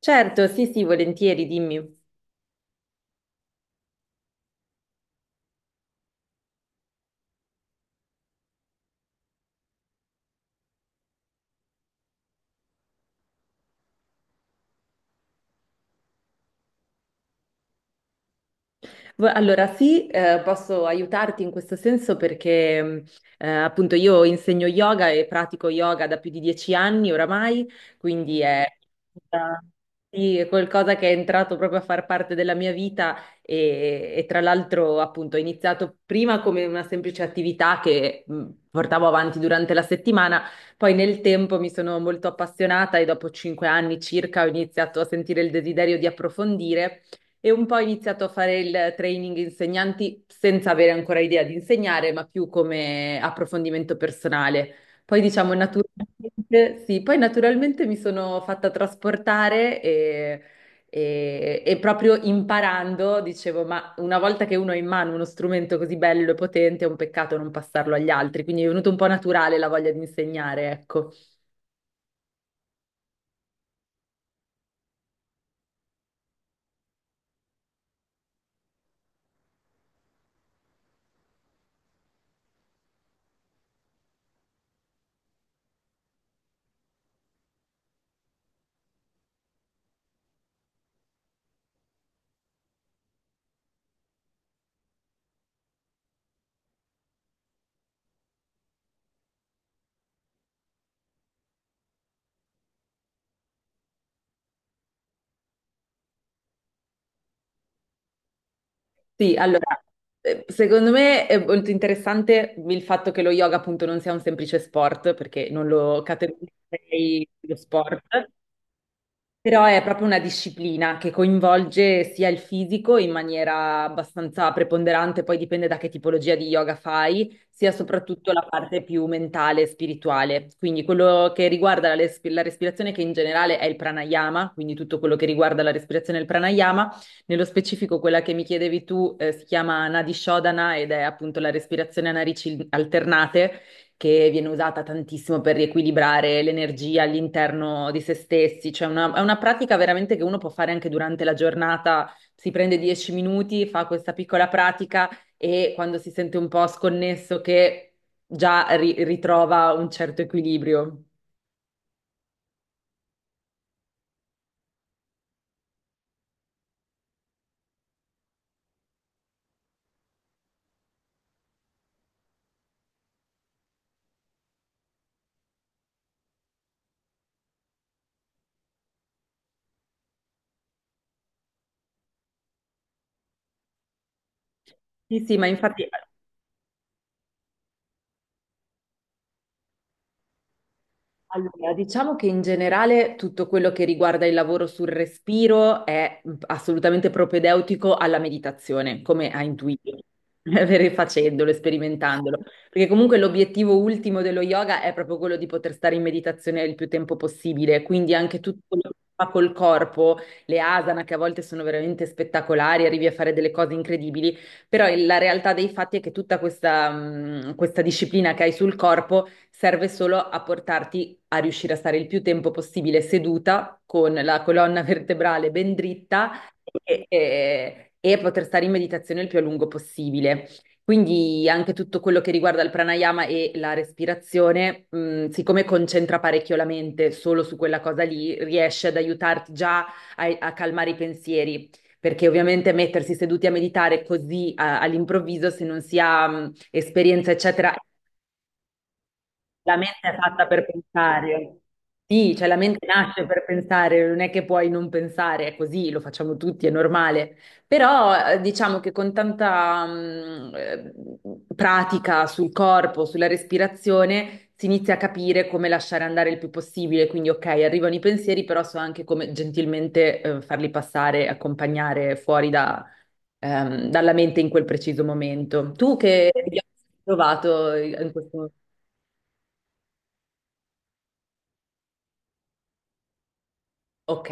Certo, sì, sì, volentieri, dimmi. Allora, sì, posso aiutarti in questo senso perché appunto io insegno yoga e pratico yoga da più di 10 anni oramai, quindi è, sì, è qualcosa che è entrato proprio a far parte della mia vita e tra l'altro appunto ho iniziato prima come una semplice attività che portavo avanti durante la settimana, poi nel tempo mi sono molto appassionata e dopo 5 anni circa ho iniziato a sentire il desiderio di approfondire e un po' ho iniziato a fare il training insegnanti senza avere ancora idea di insegnare, ma più come approfondimento personale. Poi diciamo naturalmente, sì, poi naturalmente mi sono fatta trasportare e proprio imparando dicevo, ma una volta che uno ha in mano uno strumento così bello e potente, è un peccato non passarlo agli altri, quindi è venuto un po' naturale la voglia di insegnare, ecco. Sì, allora, secondo me è molto interessante il fatto che lo yoga appunto non sia un semplice sport, perché non lo categorizzerei lo sport, però è proprio una disciplina che coinvolge sia il fisico in maniera abbastanza preponderante, poi dipende da che tipologia di yoga fai, sia soprattutto la parte più mentale e spirituale. Quindi quello che riguarda la respirazione, che in generale è il pranayama, quindi tutto quello che riguarda la respirazione e il pranayama, nello specifico quella che mi chiedevi tu, si chiama Nadi Shodhana ed è appunto la respirazione a narici alternate che viene usata tantissimo per riequilibrare l'energia all'interno di se stessi, cioè è una pratica veramente che uno può fare anche durante la giornata, si prende 10 minuti, fa questa piccola pratica e quando si sente un po' sconnesso che già ritrova un certo equilibrio. Sì, sì, ma infatti. Allora, diciamo che in generale tutto quello che riguarda il lavoro sul respiro è assolutamente propedeutico alla meditazione, come ha intuito, facendolo, sperimentandolo, perché comunque l'obiettivo ultimo dello yoga è proprio quello di poter stare in meditazione il più tempo possibile, quindi anche tutto quello che si fa col corpo, le asana che a volte sono veramente spettacolari, arrivi a fare delle cose incredibili, però la realtà dei fatti è che tutta questa disciplina che hai sul corpo serve solo a portarti lì a riuscire a stare il più tempo possibile seduta con la colonna vertebrale ben dritta e poter stare in meditazione il più a lungo possibile. Quindi anche tutto quello che riguarda il pranayama e la respirazione, siccome concentra parecchio la mente solo su quella cosa lì, riesce ad aiutarti già a calmare i pensieri perché ovviamente mettersi seduti a meditare così all'improvviso, se non si ha esperienza, eccetera, la mente è fatta per pensare. Sì, cioè la mente nasce per pensare, non è che puoi non pensare, è così, lo facciamo tutti, è normale. Però diciamo che con tanta pratica sul corpo, sulla respirazione, si inizia a capire come lasciare andare il più possibile. Quindi, ok, arrivano i pensieri, però so anche come gentilmente farli passare, accompagnare fuori da, dalla mente in quel preciso momento. Tu che hai trovato in questo momento? Ok.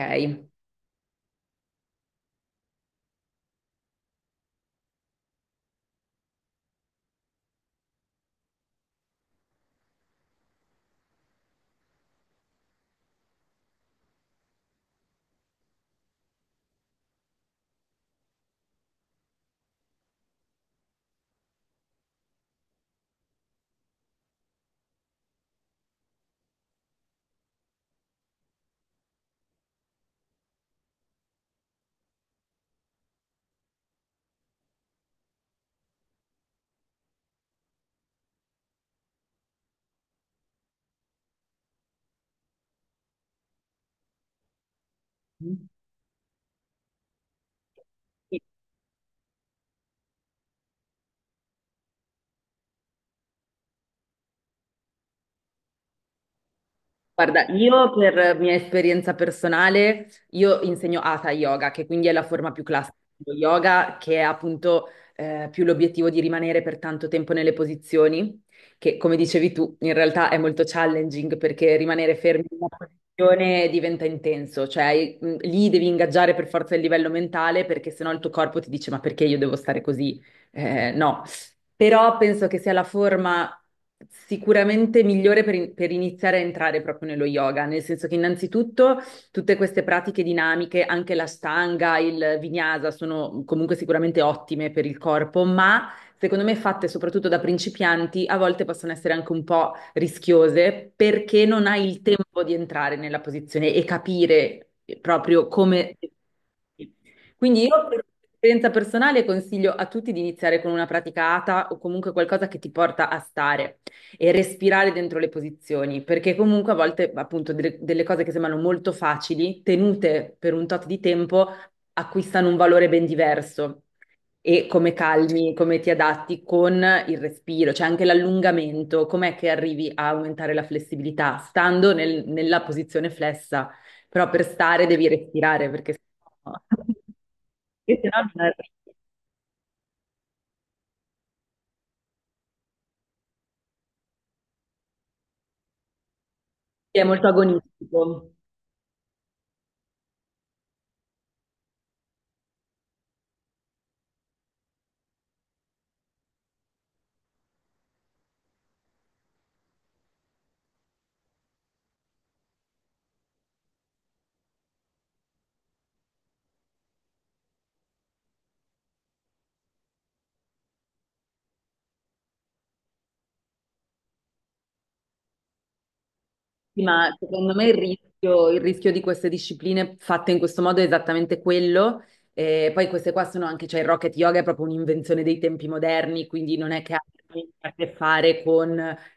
Sì. Guarda, io per mia esperienza personale, io insegno Hatha Yoga, che quindi è la forma più classica dello yoga, che è appunto più l'obiettivo di rimanere per tanto tempo nelle posizioni, che come dicevi tu, in realtà è molto challenging perché rimanere fermi in una posizione diventa intenso, cioè lì devi ingaggiare per forza il livello mentale perché sennò il tuo corpo ti dice ma perché io devo stare così? No, però penso che sia la forma sicuramente migliore per, per iniziare a entrare proprio nello yoga, nel senso che innanzitutto tutte queste pratiche dinamiche, anche la stanga, il vinyasa, sono comunque sicuramente ottime per il corpo, ma secondo me fatte soprattutto da principianti a volte possono essere anche un po' rischiose perché non hai il tempo di entrare nella posizione e capire proprio come... Quindi io, per esperienza personale, consiglio a tutti di iniziare con una pratica ATA o comunque qualcosa che ti porta a stare e respirare dentro le posizioni, perché comunque a volte, appunto, delle cose che sembrano molto facili, tenute per un tot di tempo, acquistano un valore ben diverso. E come calmi, come ti adatti con il respiro, cioè anche l'allungamento, com'è che arrivi a aumentare la flessibilità? Stando nella posizione flessa. Però per stare devi respirare perché sennò, perché sennò non arrivi. È molto agonistico. Sì, ma secondo me il rischio di queste discipline fatte in questo modo è esattamente quello. E poi queste qua sono anche, cioè il rocket yoga è proprio un'invenzione dei tempi moderni, quindi non è che ha a che fare con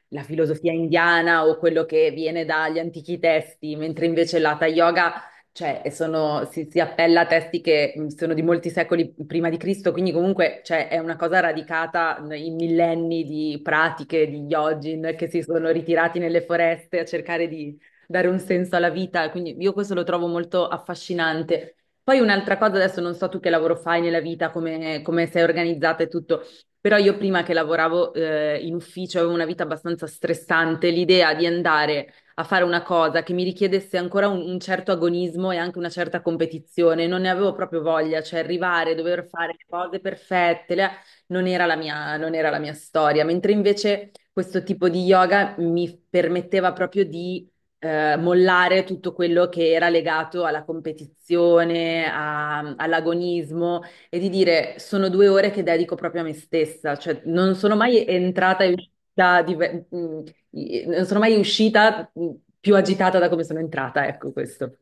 la filosofia indiana o quello che viene dagli antichi testi, mentre invece l'hatha yoga cioè, e si appella a testi che sono di molti secoli prima di Cristo, quindi comunque cioè, è una cosa radicata in millenni di pratiche di yogin che si sono ritirati nelle foreste a cercare di dare un senso alla vita, quindi io questo lo trovo molto affascinante. Poi un'altra cosa, adesso non so tu che lavoro fai nella vita, come sei organizzata e tutto, però io prima che lavoravo in ufficio avevo una vita abbastanza stressante, l'idea di andare a fare una cosa che mi richiedesse ancora un certo agonismo e anche una certa competizione. Non ne avevo proprio voglia, cioè arrivare, dover fare le cose perfette, le- non era la mia, non era la mia storia. Mentre invece questo tipo di yoga mi permetteva proprio di mollare tutto quello che era legato alla competizione, all'agonismo e di dire sono 2 ore che dedico proprio a me stessa, cioè non sono mai entrata e uscita non sono mai uscita più agitata da come sono entrata, ecco questo.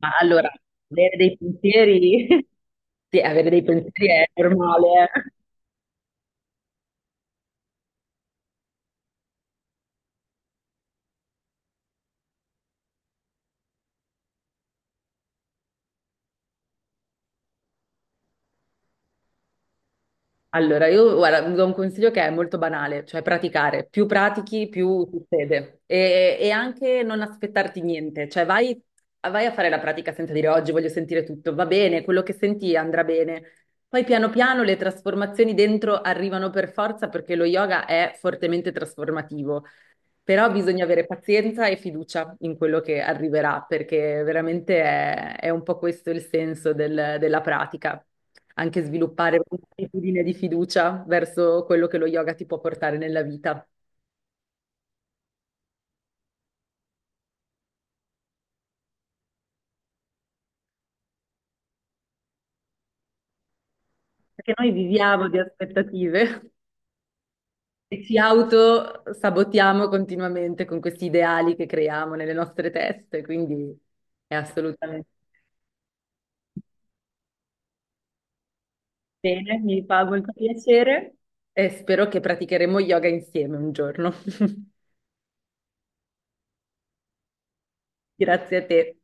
Ma allora, avere dei pensieri, sì, avere dei pensieri è normale, eh. Allora, io guarda, vi do un consiglio che è molto banale, cioè praticare. Più pratichi, più succede. E anche non aspettarti niente, cioè vai a fare la pratica senza dire oggi voglio sentire tutto, va bene, quello che senti andrà bene. Poi piano piano le trasformazioni dentro arrivano per forza perché lo yoga è fortemente trasformativo. Però bisogna avere pazienza e fiducia in quello che arriverà, perché veramente è un po' questo il senso della pratica, anche sviluppare un'attitudine di fiducia verso quello che lo yoga ti può portare nella vita. Perché noi viviamo di aspettative e ci autosabotiamo continuamente con questi ideali che creiamo nelle nostre teste, quindi è assolutamente bene, mi fa molto piacere e spero che praticheremo yoga insieme un giorno. Grazie a te.